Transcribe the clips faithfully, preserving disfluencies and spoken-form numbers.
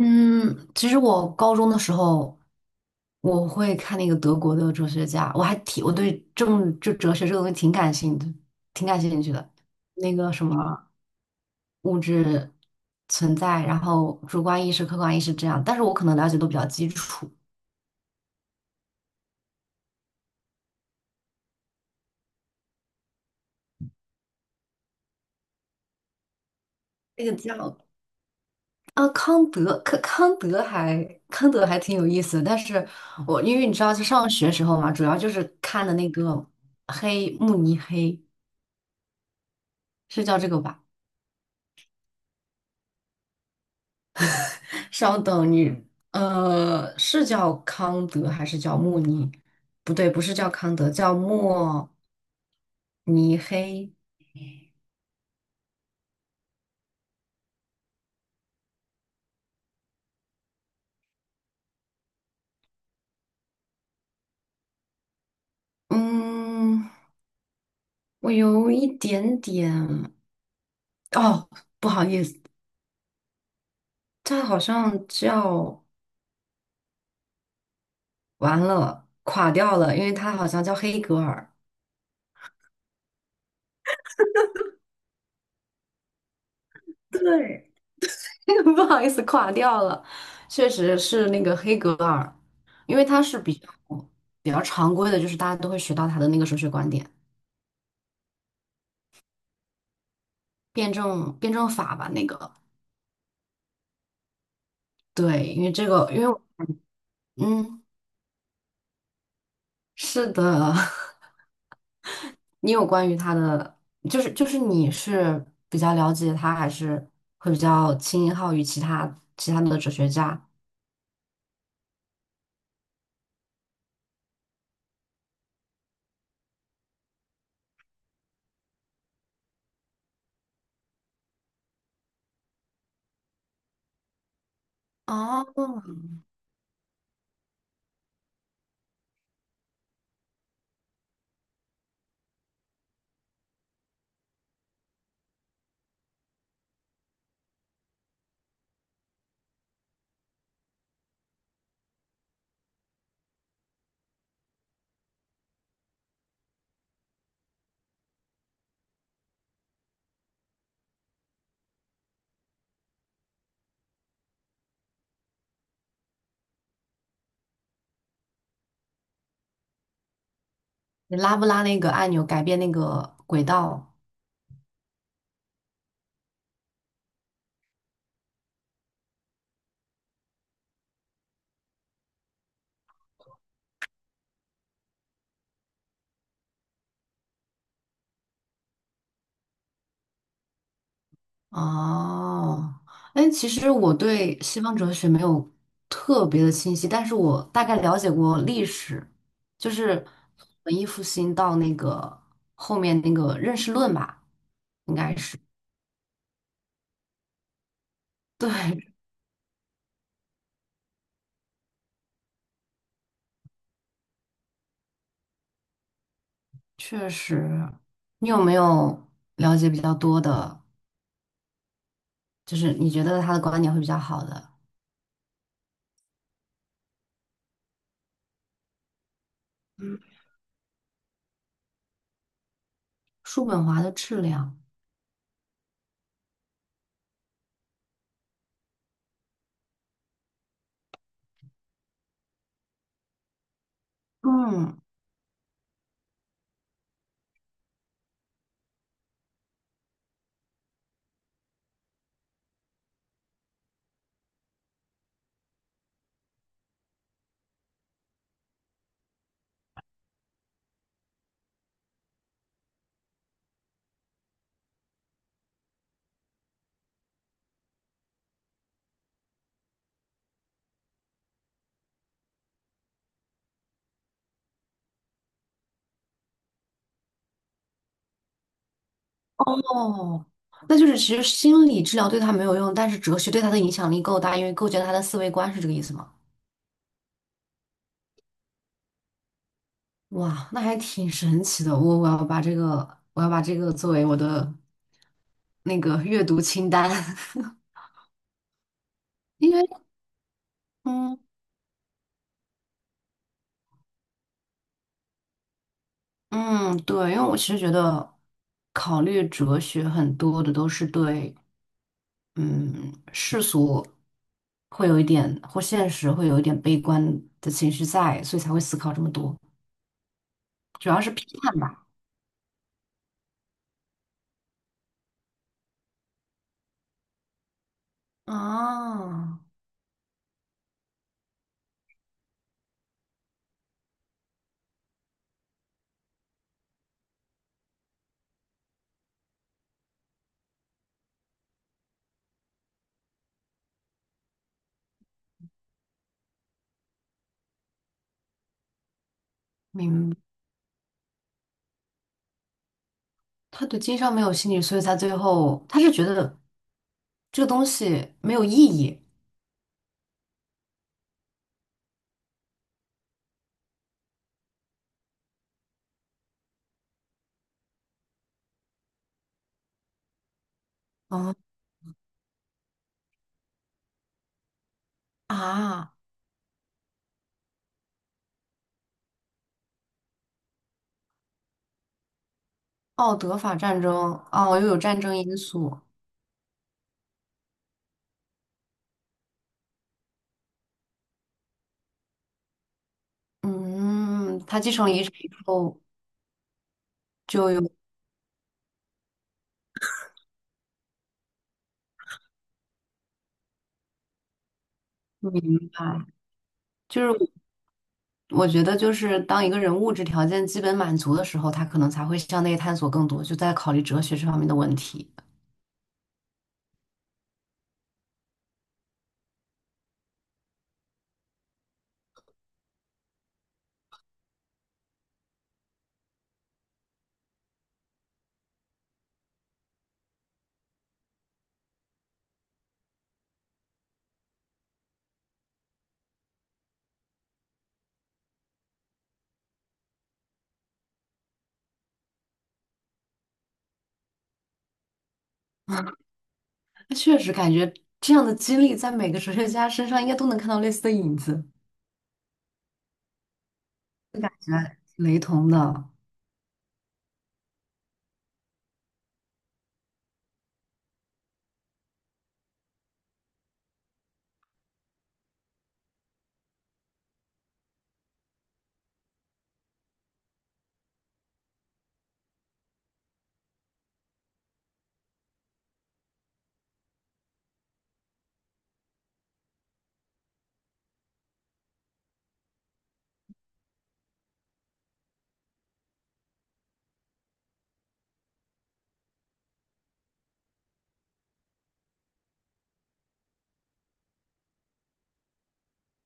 嗯，其实我高中的时候，我会看那个德国的哲学家，我还挺，我对政就哲学这个东西挺感兴趣的，挺感兴趣的。那个什么物质存在，然后主观意识、客观意识这样，但是我可能了解都比较基础。那个叫啊康德，康康德还康德还挺有意思的，但是我因为你知道，就上学时候嘛，主要就是看的那个黑慕尼黑，是叫这个吧？稍等你，呃，是叫康德还是叫慕尼？不对，不是叫康德，叫莫尼黑。嗯，我有一点点，哦，不好意思，他好像叫完了，垮掉了，因为他好像叫黑格尔。对，不好意思，垮掉了，确实是那个黑格尔，因为他是比较比较常规的，就是大家都会学到他的那个哲学观点。辩证辩证法吧，那个对，因为这个，因为我嗯，是的，你有关于他的，就是就是你是比较了解他，还是会比较倾向于其他其他的哲学家？哦，你拉不拉那个按钮改变那个轨道？哦，哎，其实我对西方哲学没有特别的清晰，但是我大概了解过历史，就是文艺复兴到那个后面那个认识论吧。对，确实。你有没有了解比较多的，就是你觉得他的观点会比较好的？叔本华的质量，嗯，哦，那就是其实心理治疗对他没有用，但是哲学对他的影响力够大，因为构建了他的思维观，是这个意思吗？哇，那还挺神奇的。我我要把这个，我要把这个作为我的那个阅读清单，因为嗯嗯，对，因为我其实觉得考虑哲学很多的都是对嗯世俗会有一点或现实会有一点悲观的情绪在，所以才会思考这么多，主要是批判吧。啊，明白他对经商没有兴趣，所以他最后他是觉得这个东西没有意义。哦啊，奥德法战争哦，又有战争因素。嗯，他继承遗产以后就有明白，就是我觉得就是当一个人物质条件基本满足的时候，他可能才会向内探索更多，就在考虑哲学这方面的问题。那确实感觉这样的经历在每个哲学家身上应该都能看到类似的影子，就感觉雷同的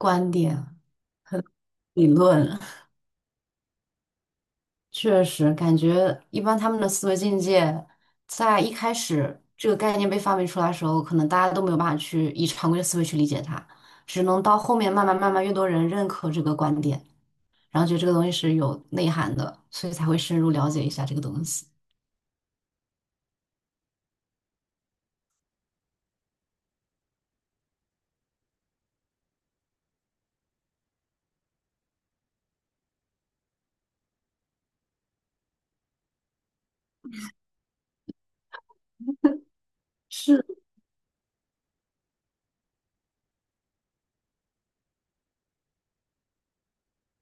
观点理论。确实，感觉一般他们的思维境界，在一开始这个概念被发明出来的时候，可能大家都没有办法去以常规的思维去理解它，只能到后面慢慢慢慢越多人认可这个观点，然后觉得这个东西是有内涵的，所以才会深入了解一下这个东西。是，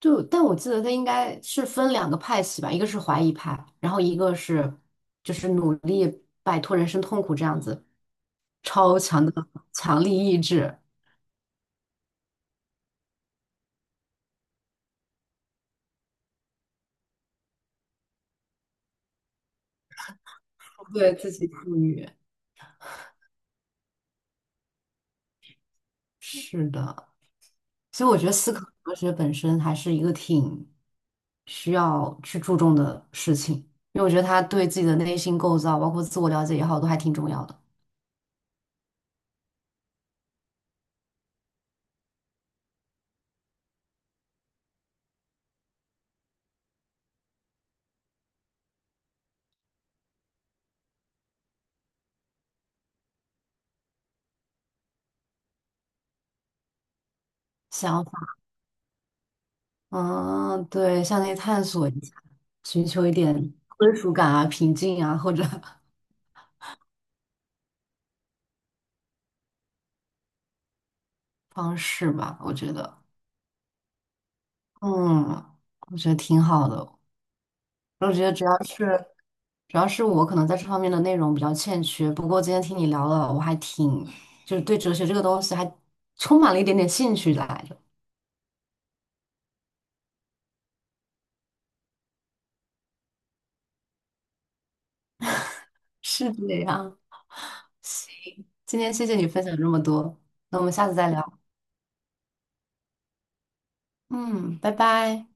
就，但我记得他应该是分两个派系吧，一个是怀疑派，然后一个是就是努力摆脱人生痛苦这样子，超强的强力意志，对自己赋予。是的，所以我觉得思考哲学本身还是一个挺需要去注重的事情，因为我觉得它对自己的内心构造，包括自我了解也好，都还挺重要的。想法，嗯，对，向内探索一下，寻求一点归属感啊、平静啊，或者 方式吧，我觉得，嗯，我觉得挺好的。我觉得只要是主要是我可能在这方面的内容比较欠缺，不过今天听你聊了，我还挺，就是对哲学这个东西还充满了一点点兴趣来着。是这样，今天谢谢你分享这么多，那我们下次再聊。嗯，拜拜。